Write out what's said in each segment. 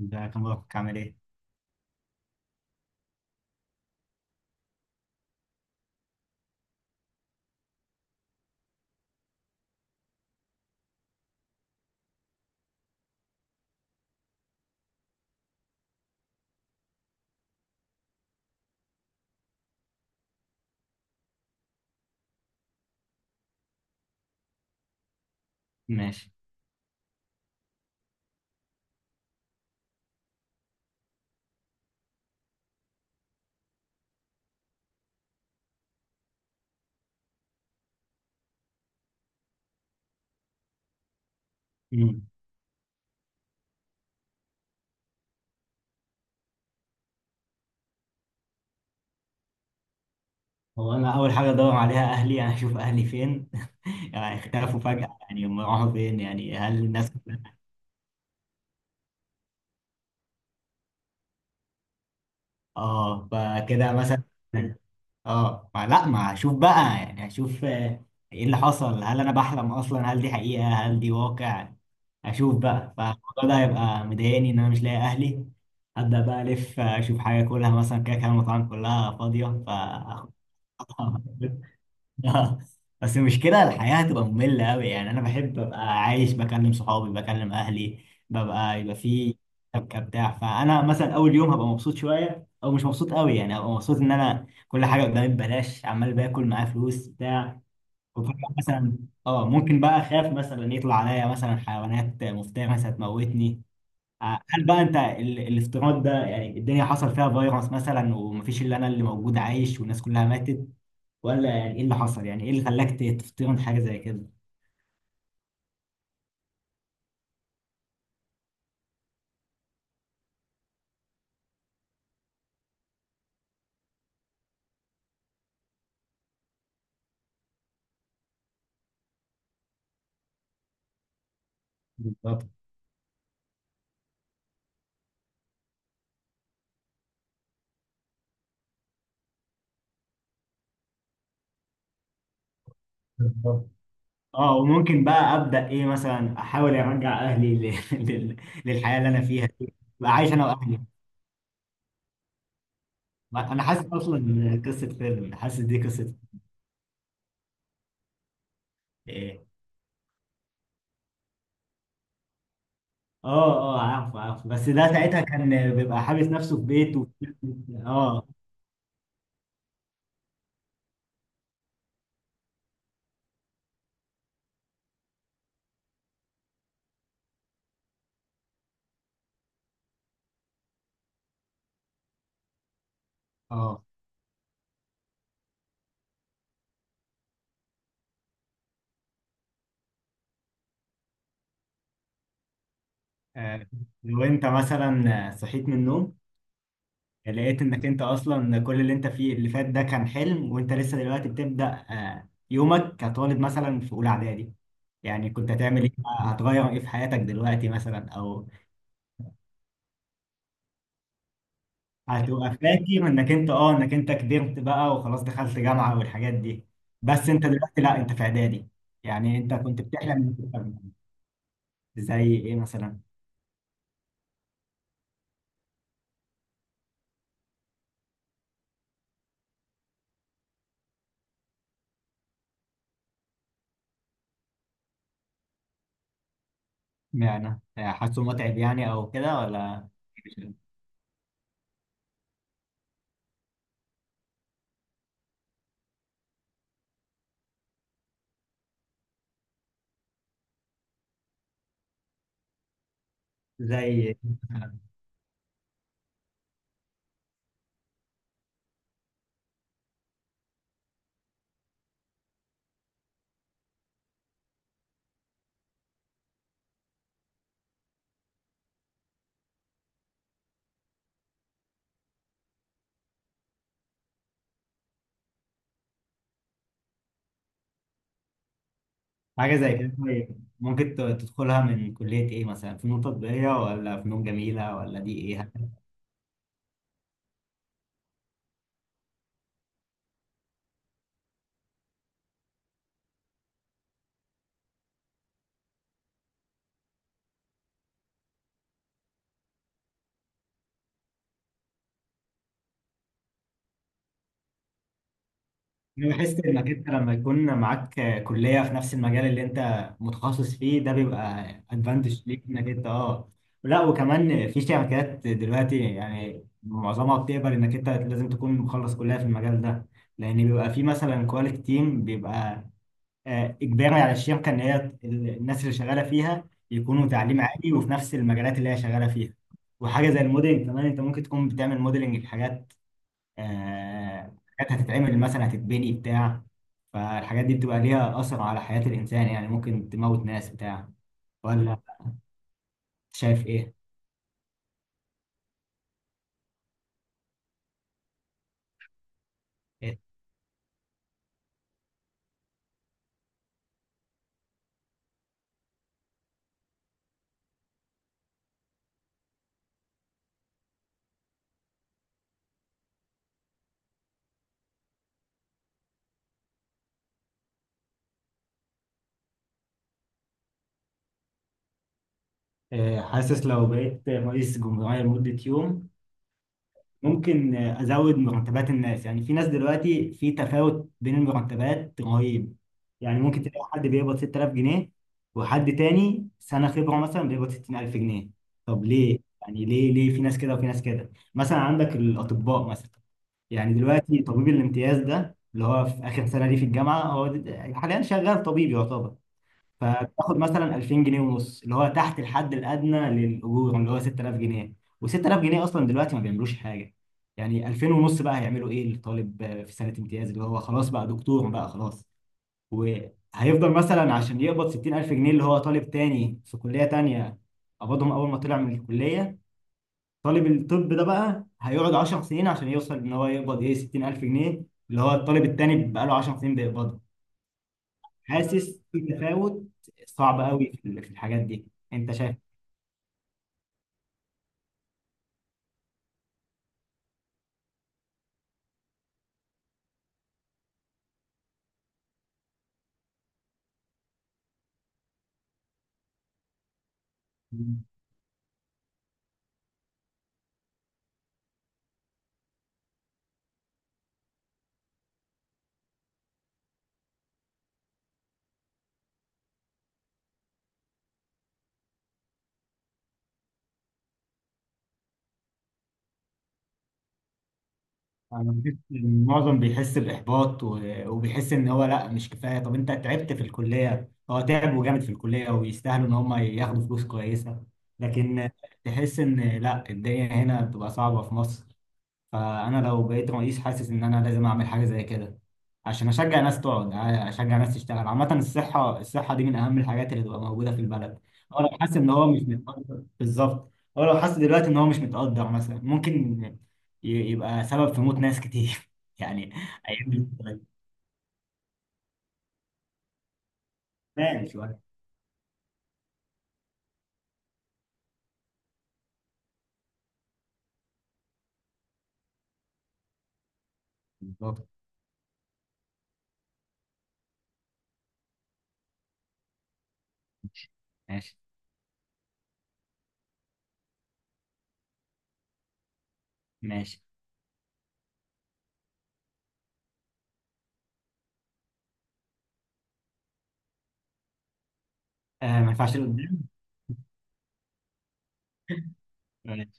ازيك يا مبروك، عامل ايه؟ ماشي. مم. هو انا اول حاجه ادور عليها اهلي، انا اشوف اهلي فين. يعني اختفوا فجاه، يعني هم راحوا فين؟ يعني هل الناس... اه، فكده مثلا. اه، ما اشوف بقى، يعني اشوف ايه اللي حصل، هل انا بحلم اصلا؟ هل دي حقيقه؟ هل دي واقع؟ اشوف بقى، فالموضوع ده هيبقى مضايقني ان انا مش لاقي اهلي ابدا. بقى الف اشوف حاجه اكلها مثلا، كده كده المطاعم كلها فاضيه ف... آه. بس المشكلة الحياة هتبقى مملة أوي، يعني أنا بحب أبقى عايش، بكلم صحابي بكلم أهلي، يبقى في شبكة بتاع. فأنا مثلا أول يوم هبقى مبسوط شوية، أو مش مبسوط أوي، يعني هبقى مبسوط إن أنا كل حاجة قدامي ببلاش، عمال باكل معايا فلوس بتاع. وفجأة مثلا ممكن بقى أخاف مثلا، يطلع عليا مثلا حيوانات مفترسة مثلا تموتني. هل بقى أنت الافتراض ده، يعني الدنيا حصل فيها فيروس مثلا ومفيش إلا أنا اللي موجود عايش والناس كلها ماتت؟ ولا يعني ايه اللي حصل؟ يعني ايه اللي خلاك تفترض حاجه زي كده؟ بالظبط، بالظبط. اه، وممكن بقى ابدا ايه، مثلا احاول ارجع اهلي لل... للحياه اللي انا فيها دي. بقى عايش انا واهلي. انا حاسس اصلا إن قصه فيلم، حاسس دي قصه ايه. اه، اه، عارف عارف. بس ده ساعتها كان بيبقى حابس نفسه في بيته. اه. اه. آه، لو انت مثلا صحيت من النوم، يعني لقيت انك انت اصلا كل اللي انت فيه اللي فات ده كان حلم، وانت لسه دلوقتي بتبدأ يومك كطالب مثلا في اولى اعدادي، يعني كنت هتعمل ايه؟ هتغير ايه في حياتك دلوقتي مثلا؟ او هتبقى فاكر انك انت كبرت بقى وخلاص دخلت جامعة والحاجات دي؟ بس انت دلوقتي لا، انت في اعدادي، يعني انت كنت بتحلم إنك تبقى. زي ايه مثلا؟ معنى حاسه متعب يعني، او كده، ولا؟ زي حاجة زي إيه. كده طيب ممكن تدخلها من كلية ايه مثلا؟ فنون تطبيقية، ولا فنون جميلة، ولا دي ايه؟ انا بحس انك انت لما يكون معاك كلية في نفس المجال اللي انت متخصص فيه ده، بيبقى ادفانتج ليك انك انت، لا، وكمان في شركات دلوقتي، يعني معظمها بتقبل انك انت لازم تكون مخلص كلية في المجال ده. لان بيبقى في مثلا كواليتي تيم، بيبقى اجباري على الشركه ان هي الناس اللي شغاله فيها يكونوا تعليم عالي وفي نفس المجالات اللي هي شغاله فيها. وحاجه زي الموديلنج كمان، انت ممكن تكون بتعمل موديلنج لحاجات حاجات هتتعمل مثلا، هتتبني بتاع، فالحاجات دي بتبقى ليها اثر على حياه الانسان، يعني ممكن تموت ناس بتاع، ولا شايف ايه؟ إيه؟ حاسس لو بقيت رئيس جمهوريه لمده يوم، ممكن ازود مرتبات الناس. يعني في ناس دلوقتي، في تفاوت بين المرتبات رهيب. يعني ممكن تلاقي حد بيقبض 6000 جنيه، وحد تاني سنة خبرة مثلا بيقبض 60000 جنيه. طب ليه؟ يعني ليه، ليه في ناس كده وفي ناس كده؟ مثلا عندك الاطباء مثلا، يعني دلوقتي طبيب الامتياز ده اللي هو في اخر سنة ليه في الجامعة، هو حاليا شغال طبيب يعتبر، فبتاخد مثلا 2000 جنيه ونص، اللي هو تحت الحد الادنى للاجور اللي هو 6000 جنيه. و6000 جنيه اصلا دلوقتي ما بيعملوش حاجه، يعني 2000 ونص بقى هيعملوا ايه للطالب في سنه امتياز اللي هو خلاص بقى دكتور بقى خلاص؟ وهيفضل مثلا عشان يقبض 60000 جنيه اللي هو طالب تاني في كليه تانيه قبضهم اول ما طلع من الكليه. طالب الطب ده بقى هيقعد 10 سنين عشان يوصل ان هو يقبض ايه، 60000 جنيه اللي هو الطالب التاني بقى له 10 سنين بيقبضها. حاسس في تفاوت صعب قوي في في الحاجات دي. انت شايف؟ انا بحس إن معظم بيحس باحباط، وبيحس ان هو لا، مش كفايه. طب انت تعبت في الكليه، هو تعبوا جامد في الكليه ويستاهلوا ان هم ياخدوا فلوس كويسه. لكن تحس ان لا، الدنيا هنا بتبقى صعبه في مصر. فانا لو بقيت رئيس، حاسس ان انا لازم اعمل حاجه زي كده، عشان اشجع ناس تقعد آه، اشجع ناس تشتغل عامه الصحه. الصحه دي من اهم الحاجات اللي تبقى موجوده في البلد. هو لو حاسس ان هو مش متقدر بالظبط، هو لو حاسس دلوقتي ان هو مش متقدر مثلا، ممكن يبقى سبب في موت ناس كتير يعني، هيعمل. ماشي. بالظبط. ماشي. ماشي. آه، ما ينفعش لقدام. ماشي.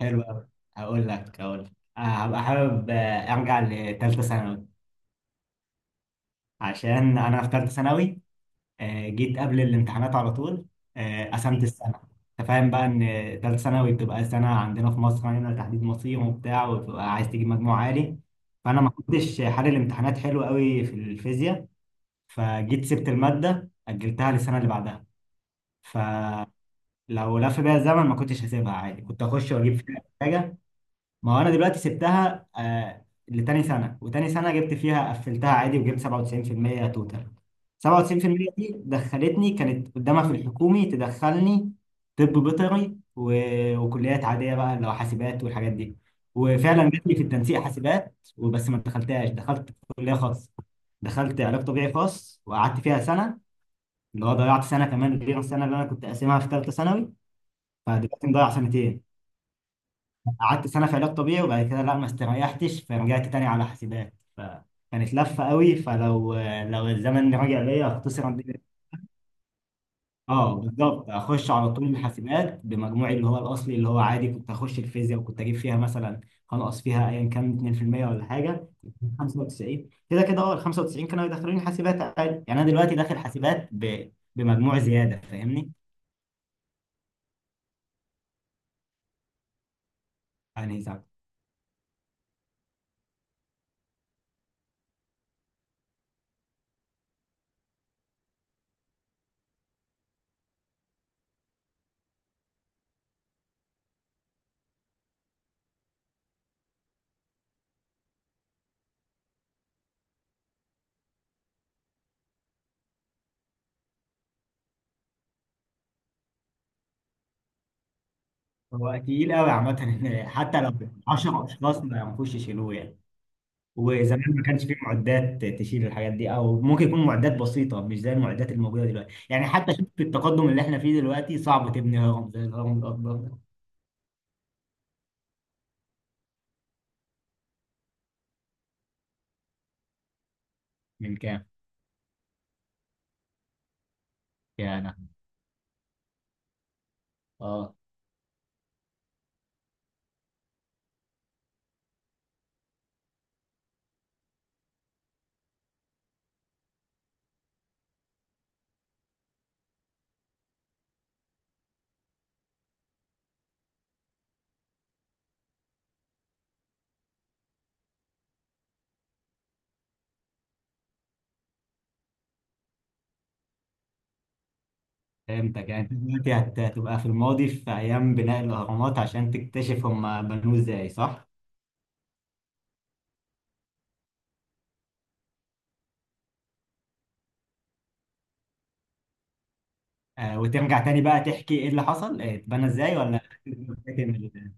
حلو قوي. هقول لك. هبقى حابب ارجع لثالثه ثانوي. عشان انا في ثالثه ثانوي جيت قبل الامتحانات على طول قسمت السنه. انت فاهم بقى ان ثالثه ثانوي بتبقى سنه عندنا في مصر هنا تحديد مصير وبتاع، وبتبقى عايز تجيب مجموع عالي. فانا ما كنتش حل الامتحانات حلو قوي في الفيزياء، فجيت سبت الماده اجلتها للسنه اللي بعدها. فلو لف بيا الزمن، ما كنتش هسيبها عادي، كنت اخش واجيب فيها حاجه. ما هو انا دلوقتي سبتها لتاني سنه، وتاني سنه جبت فيها، قفلتها عادي وجبت 97% توتال. 97% دي دخلتني، كانت قدامها في الحكومي تدخلني طب بيطري، وكليات عاديه بقى اللي هو حاسبات والحاجات دي. وفعلا جات لي في التنسيق حاسبات، وبس ما دخلتهاش، دخلت كليه خاص، دخلت علاج طبيعي خاص، وقعدت فيها سنه، اللي هو ضيعت سنه كمان غير السنه اللي انا كنت قاسمها في ثالثه ثانوي. فدلوقتي مضيع سنتين. قعدت سنة في علاج طبيعي، وبعد كده لا، ما استريحتش، فرجعت تاني على حاسبات، فكانت لفة قوي. فلو لو الزمن رجع ليا، اختصر الدنيا. اه بالظبط، اخش على طول الحاسبات بمجموعي اللي هو الاصلي، اللي هو عادي كنت اخش الفيزياء وكنت اجيب فيها مثلا، هنقص فيها ايا كان 2% ولا حاجه، 95. كده كده اه، ال 95 كانوا يدخلوني حاسبات عادي، يعني انا دلوقتي داخل حاسبات بمجموع زياده، فاهمني؟ يعني زي... هو تقيل قوي عامة. حتى لو 10 اشخاص ما ينفعوش يشيلوه يعني. وزمان ما كانش فيه معدات تشيل الحاجات دي، او ممكن يكون معدات بسيطه مش زي المعدات الموجوده دلوقتي، يعني حتى شوف التقدم اللي احنا فيه دلوقتي، صعب تبني هرم زي الهرم الاكبر ده. من كام؟ يعني اه، فهمتك، يعني انت دلوقتي هتبقى في الماضي في ايام بناء الاهرامات عشان تكتشف هم بنوه ازاي، صح؟ آه، وترجع تاني بقى تحكي ايه اللي حصل اتبنى ازاي، ولا؟ فاكر من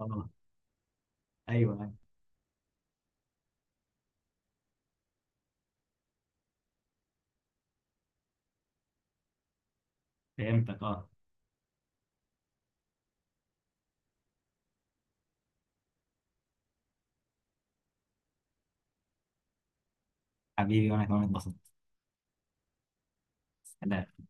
اه، ايوه، أيوة. فهمتك، اه. حبيبي، وانا كمان اتبسطت. سلام.